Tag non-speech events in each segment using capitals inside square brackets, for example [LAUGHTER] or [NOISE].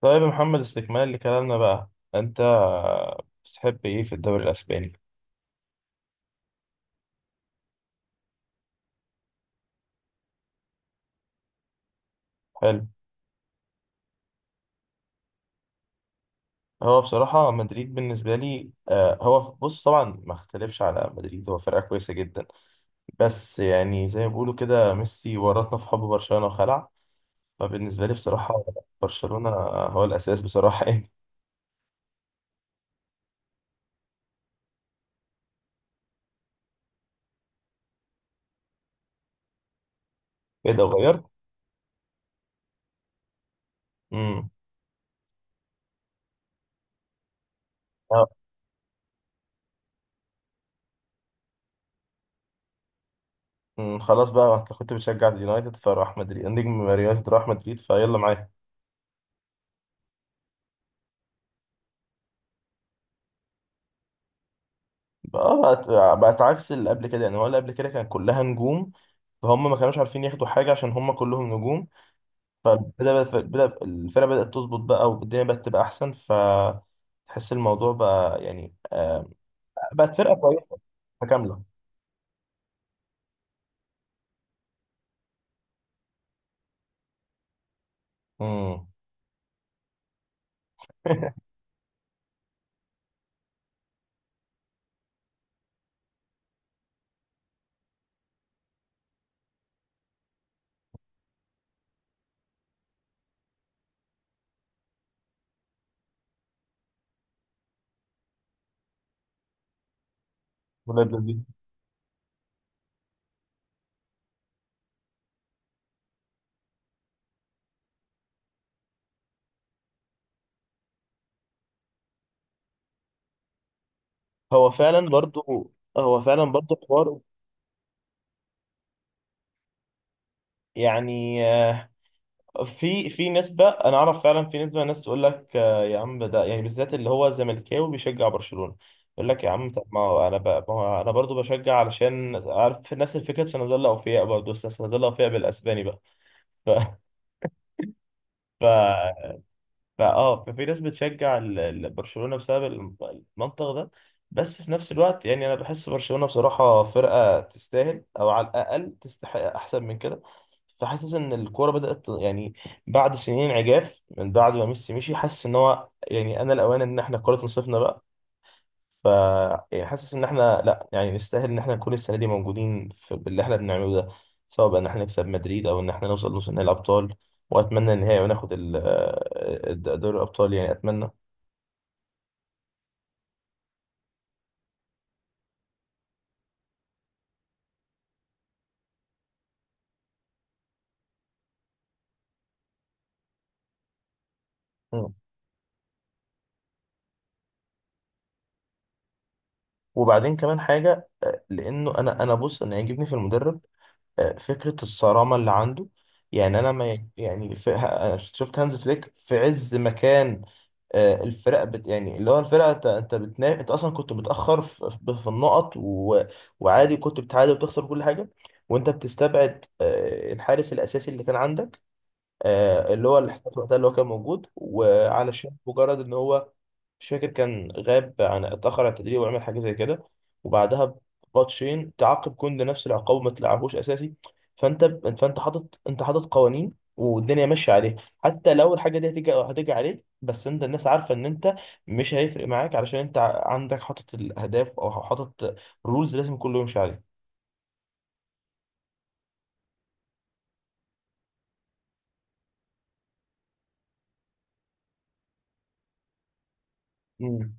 طيب يا محمد، استكمال لكلامنا بقى. انت بتحب ايه في الدوري الاسباني؟ حلو. هو بصراحة مدريد بالنسبة لي هو بص، طبعا ما اختلفش على مدريد، هو فرقة كويسة جدا. بس يعني زي ما بيقولوا كده، ميسي ورطنا في حب برشلونة وخلع. فبالنسبة لي بصراحة برشلونة هو الأساس بصراحة [LAUGHS] يعني. ايه ده غير؟ امم آه، خلاص بقى، انت كنت بتشجع اليونايتد فراح مدريد، نجم اليونايتد راح مدريد، فيلا معايا. بقى بقت عكس اللي قبل كده. يعني هو اللي قبل كده كان كلها نجوم، فهم ما كانوش عارفين ياخدوا حاجة عشان هم كلهم نجوم. فبدأ بدأ الفرقة بدأت تظبط بقى، والدنيا بقت تبقى أحسن، فتحس الموضوع بقى يعني بقت فرقة كويسة متكاملة. امم [LAUGHS] ولاد لذيذ. هو فعلا برضو هو فعلا برضو حوار. يعني في نسبة، أنا أعرف فعلا في نسبة ناس تقول لك يا عم، ده يعني بالذات اللي هو زملكاوي بيشجع برشلونة، يقول لك يا عم طب ما هو أنا ما هو أنا برضو بشجع علشان عارف نفس الفكرة، سنظل أوفياء برضو، بس سنظل أوفياء بالأسباني بقى. ف... ف... فاه ففي ناس بتشجع برشلونة بسبب المنطق ده. بس في نفس الوقت يعني انا بحس برشلونة بصراحة فرقة تستاهل، او على الاقل تستحق احسن من كده. فحاسس ان الكورة يعني بعد سنين عجاف من بعد ما ميسي مشي، حاسس ان هو يعني انا الاوان ان احنا الكورة تنصفنا بقى. ف يعني حاسس ان احنا لا، يعني نستاهل ان احنا نكون السنه دي موجودين في باللي احنا بنعمله ده، سواء بقى ان احنا نكسب مدريد او ان احنا نوصل نص نهائي الابطال، واتمنى النهائي وناخد دوري الابطال، يعني اتمنى. مم. وبعدين كمان حاجه لانه انا بص، انا يعجبني في المدرب فكرة الصرامة اللي عنده. يعني أنا ما يعني، في أنا شفت هانز فليك في عز مكان، الفرق بت يعني اللي هو الفرقة، أنت أنت أصلا كنت متأخر في النقط وعادي كنت بتعادل وتخسر كل حاجة، وأنت بتستبعد الحارس الأساسي اللي كان عندك، اللي هو الاحتياط وقتها اللي هو كان موجود، وعلشان مجرد إن هو، مش فاكر، كان غاب عن، اتأخر عن التدريب وعمل حاجة زي كده، وبعدها بماتشين تعاقب كوندي نفس العقاب وما تلعبوش أساسي. فأنت فأنت حاطط أنت حاطط قوانين والدنيا ماشية عليها، حتى لو الحاجة دي هتيجي هتيجي عليك، بس أنت الناس عارفة إن أنت مش هيفرق معاك، علشان أنت عندك حاطط الأهداف أو حاطط رولز لازم كله يمشي عليها. مم.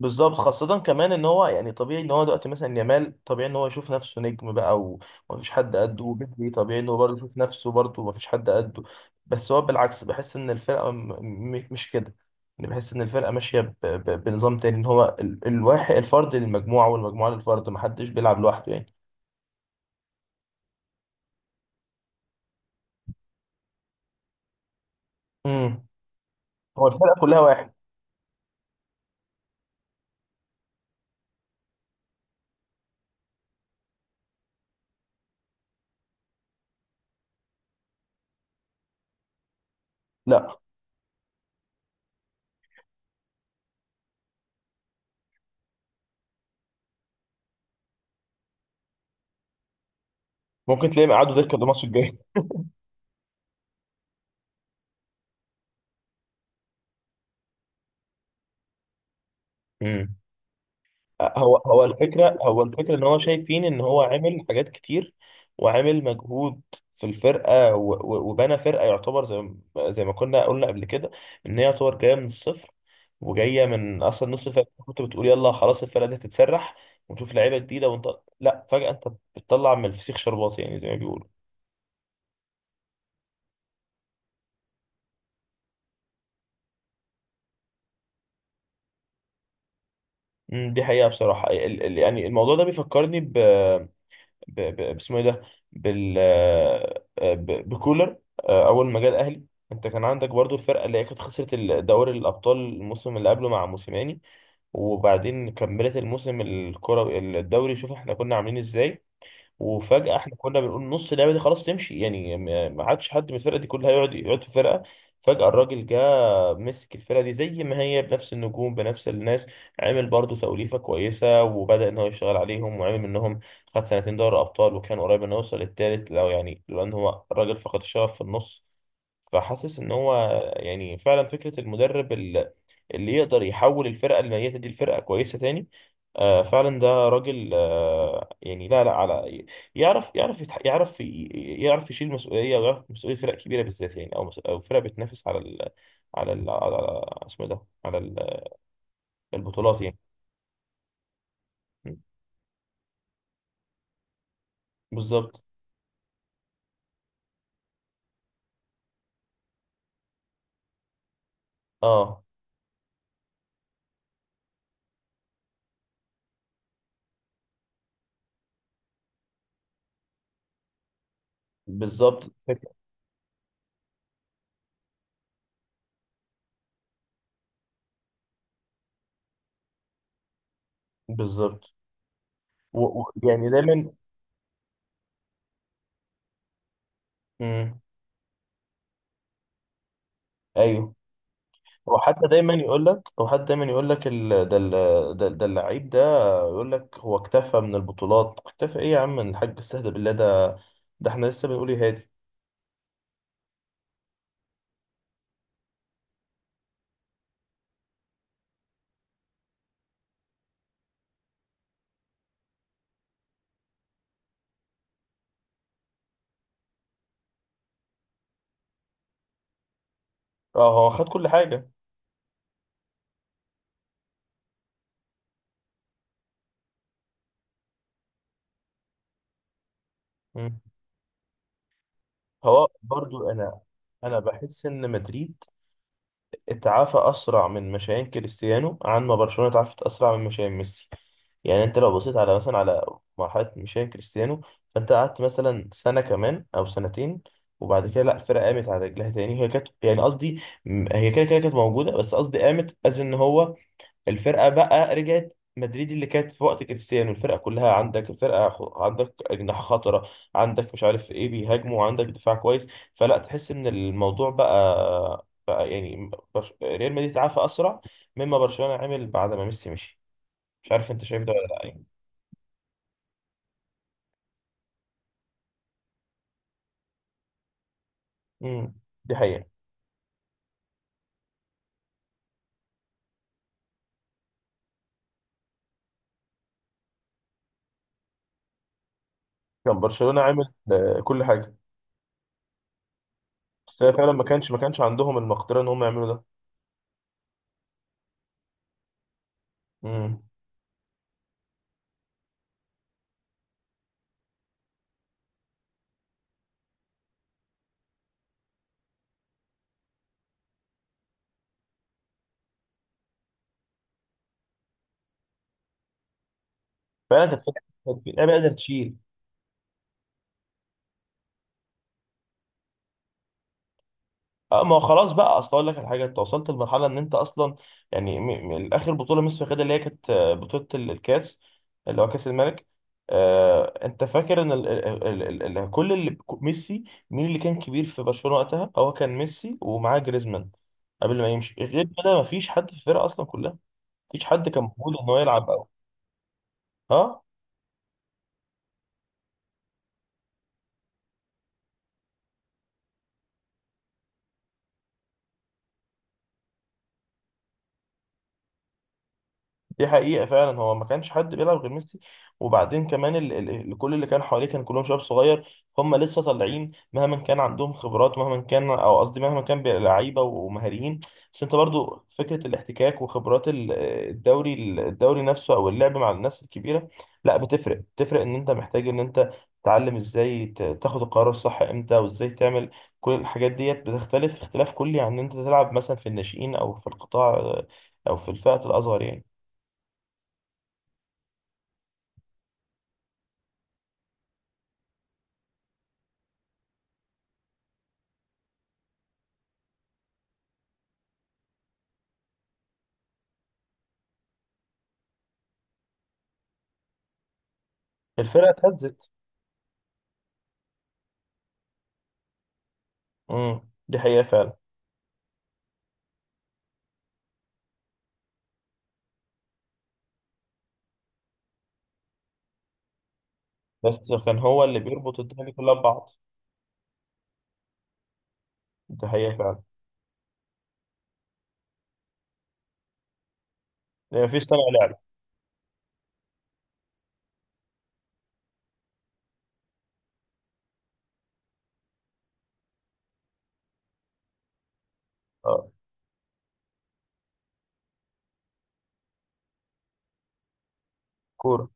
بالظبط. خاصة كمان ان هو يعني طبيعي ان هو دلوقتي مثلا يامال، طبيعي ان هو يشوف نفسه نجم بقى ومفيش حد قده، وبدري طبيعي ان هو برضه يشوف نفسه برضه ومفيش حد قده. بس هو بالعكس، بحس ان الفرقة مش كده. يعني بحس ان الفرقة ماشية بنظام تاني، ان هو الواحد الفرد للمجموعة والمجموعة للفرد، محدش بيلعب لوحده يعني. امم. هو الفرقة كلها واحد. لا، ممكن تلاقيهم قعدوا دكة الماتش الجاي. امم. هو الفكرة ان هو شايفين ان هو عامل حاجات كتير وعامل مجهود في الفرقة، وبنى فرقة، يعتبر زي زي ما كنا قلنا قبل كده، ان هي يعتبر جاية من الصفر، وجاية من اصلا نص الفرقة كنت بتقول يلا خلاص الفرقة دي هتتسرح ونشوف لعيبة جديدة، ونطلع لا، فجأة انت بتطلع من الفسيخ شربات يعني زي ما بيقولوا. أمم، دي حقيقة بصراحة. يعني الموضوع ده بيفكرني باسمه ايه ده، بال آه، بكولر. اول ما جه الاهلي، انت كان عندك برضو الفرقه اللي هي كانت خسرت دوري الابطال الموسم اللي قبله مع موسيماني، وبعدين كملت الموسم الكروي، الدوري شوف احنا كنا عاملين ازاي. وفجأة احنا كنا بنقول نص اللعبة دي خلاص تمشي، يعني ما عادش حد من الفرقة دي كلها يقعد في فرقة. فجأة الراجل جه، مسك الفرقة دي زي ما هي بنفس النجوم بنفس الناس، عمل برضه توليفة كويسة وبدأ إن هو يشتغل عليهم وعمل منهم، خد سنتين دوري أبطال وكان قريب إنه يوصل للتالت، لو يعني لولا إن هو الراجل فقد الشغف في النص. فحاسس إن هو يعني فعلا فكرة المدرب اللي يقدر يحول الفرقه الميته دي لفرقه كويسه تاني، آه فعلا ده راجل آه يعني، لا لا على، يعرف يعرف يتح- يعرف ي- يعرف يشيل مسؤوليه، ويعرف مسؤوليه فرق كبيره بالذات يعني، او او فرق بتنافس على ال، على اسمه إيه ده، على البطولات يعني. م. بالظبط. اه، بالظبط، بالظبط. يعني دايما. مم. ايوه. هو حتى دايما يقول لك ال... ده ال... ده ده اللعيب ده، يقول لك هو اكتفى من البطولات. اكتفى ايه يا عم الحاج، استهدى بالله، ده ده احنا لسه بنقول يا هادي. اه، هو خد كل حاجه. مم. هو برضو انا بحس ان مدريد اتعافى أسرع من مشيان كريستيانو عن ما برشلونة اتعافت أسرع من مشيان ميسي. يعني أنت لو بصيت على مثلا على مرحلة مشيان كريستيانو، فأنت قعدت مثلا سنة كمان أو سنتين، وبعد كده لا الفرقة قامت على رجلها تاني. هي كانت يعني قصدي، هي كده كده كانت موجودة، بس قصدي قامت، أز إن هو الفرقه بقى رجعت مدريد اللي كانت في وقت كريستيانو. الفرقه كلها عندك، الفرقه عندك اجنحه خطره، عندك مش عارف ايه بيهاجموا، عندك دفاع كويس. فلا، تحس ان الموضوع بقى يعني ريال مدريد اتعافى اسرع مما برشلونه عمل بعد ما ميسي مشي. مش عارف انت شايف ده ولا لا يعني. امم، دي حقيقه. كان برشلونه عمل كل حاجه. بس هي فعلا ما كانش عندهم المقدره ان هم يعملوا ده. امم، فعلا. كانت فكره، كانت في لعيبه قادره تشيل. اه، ما هو خلاص بقى، اصل اقول لك على حاجه، انت وصلت لمرحله ان انت اصلا يعني اخر بطوله ميسي واخدها، اللي هي كانت بطوله الكاس اللي هو كاس الملك. انت فاكر ان كل اللي ميسي، مين اللي كان كبير في برشلونه وقتها، هو كان ميسي ومعاه جريزمان. قبل ما يمشي غير كده مفيش حد في الفرقه اصلا كلها، مفيش حد كان موجود ان هو يلعب أوي. اه، دي حقيقة فعلا، هو ما كانش حد بيلعب غير ميسي. وبعدين كمان كل اللي كان حواليه كان كلهم شباب صغير، هم لسه طالعين مهما كان عندهم خبرات، مهما كان او قصدي، مهما كان لعيبة ومهاريين، بس انت برضو فكرة الاحتكاك وخبرات الدوري الدوري نفسه، او اللعب مع الناس الكبيرة، لا بتفرق. بتفرق، ان انت محتاج ان انت تتعلم ازاي تاخد القرار الصح امتى وازاي تعمل. كل الحاجات ديت بتختلف اختلاف كلي عن ان انت تلعب مثلا في الناشئين او في القطاع او في الفئة الاصغر يعني. الفرقة اتهزت. امم، دي حقيقة فعلا. بس كان هو اللي بيربط الدنيا دي كلها ببعض. دي حقيقة فعلا. يعني مفيش صانع لعب. اه. كورة.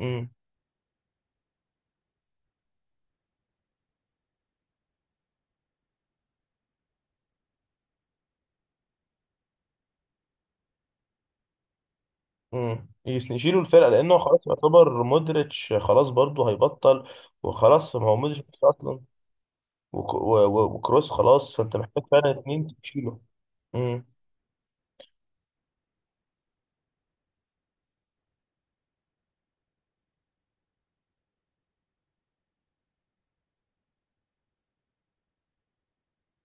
امم. امم، يشيلوا الفرقة، لأنه خلاص يعتبر مودريتش خلاص برضه هيبطل، وخلاص ما هو مودريتش مش أصلا، وكروس خلاص، فأنت محتاج فعلا اتنين تشيله.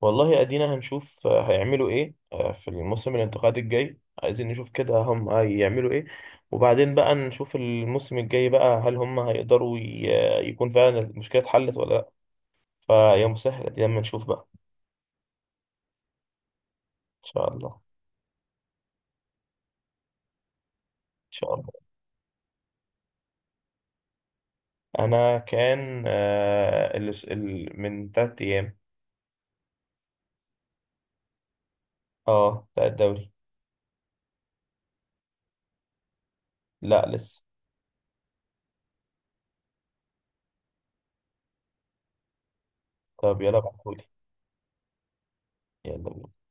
والله ادينا هنشوف هيعملوا ايه في الموسم الانتقالي الجاي، عايزين نشوف كده هم هيعملوا ايه. وبعدين بقى نشوف الموسم الجاي بقى، هل هم هيقدروا يكون فعلا المشكلة اتحلت ولا لا. فيا مسهل، ادينا اما نشوف بقى. ان شاء الله. ان شاء الله. انا كان من 3 ايام. اه، بتاع الدوري. لا لسه. طب يلا بعتهولي. يلا بينا.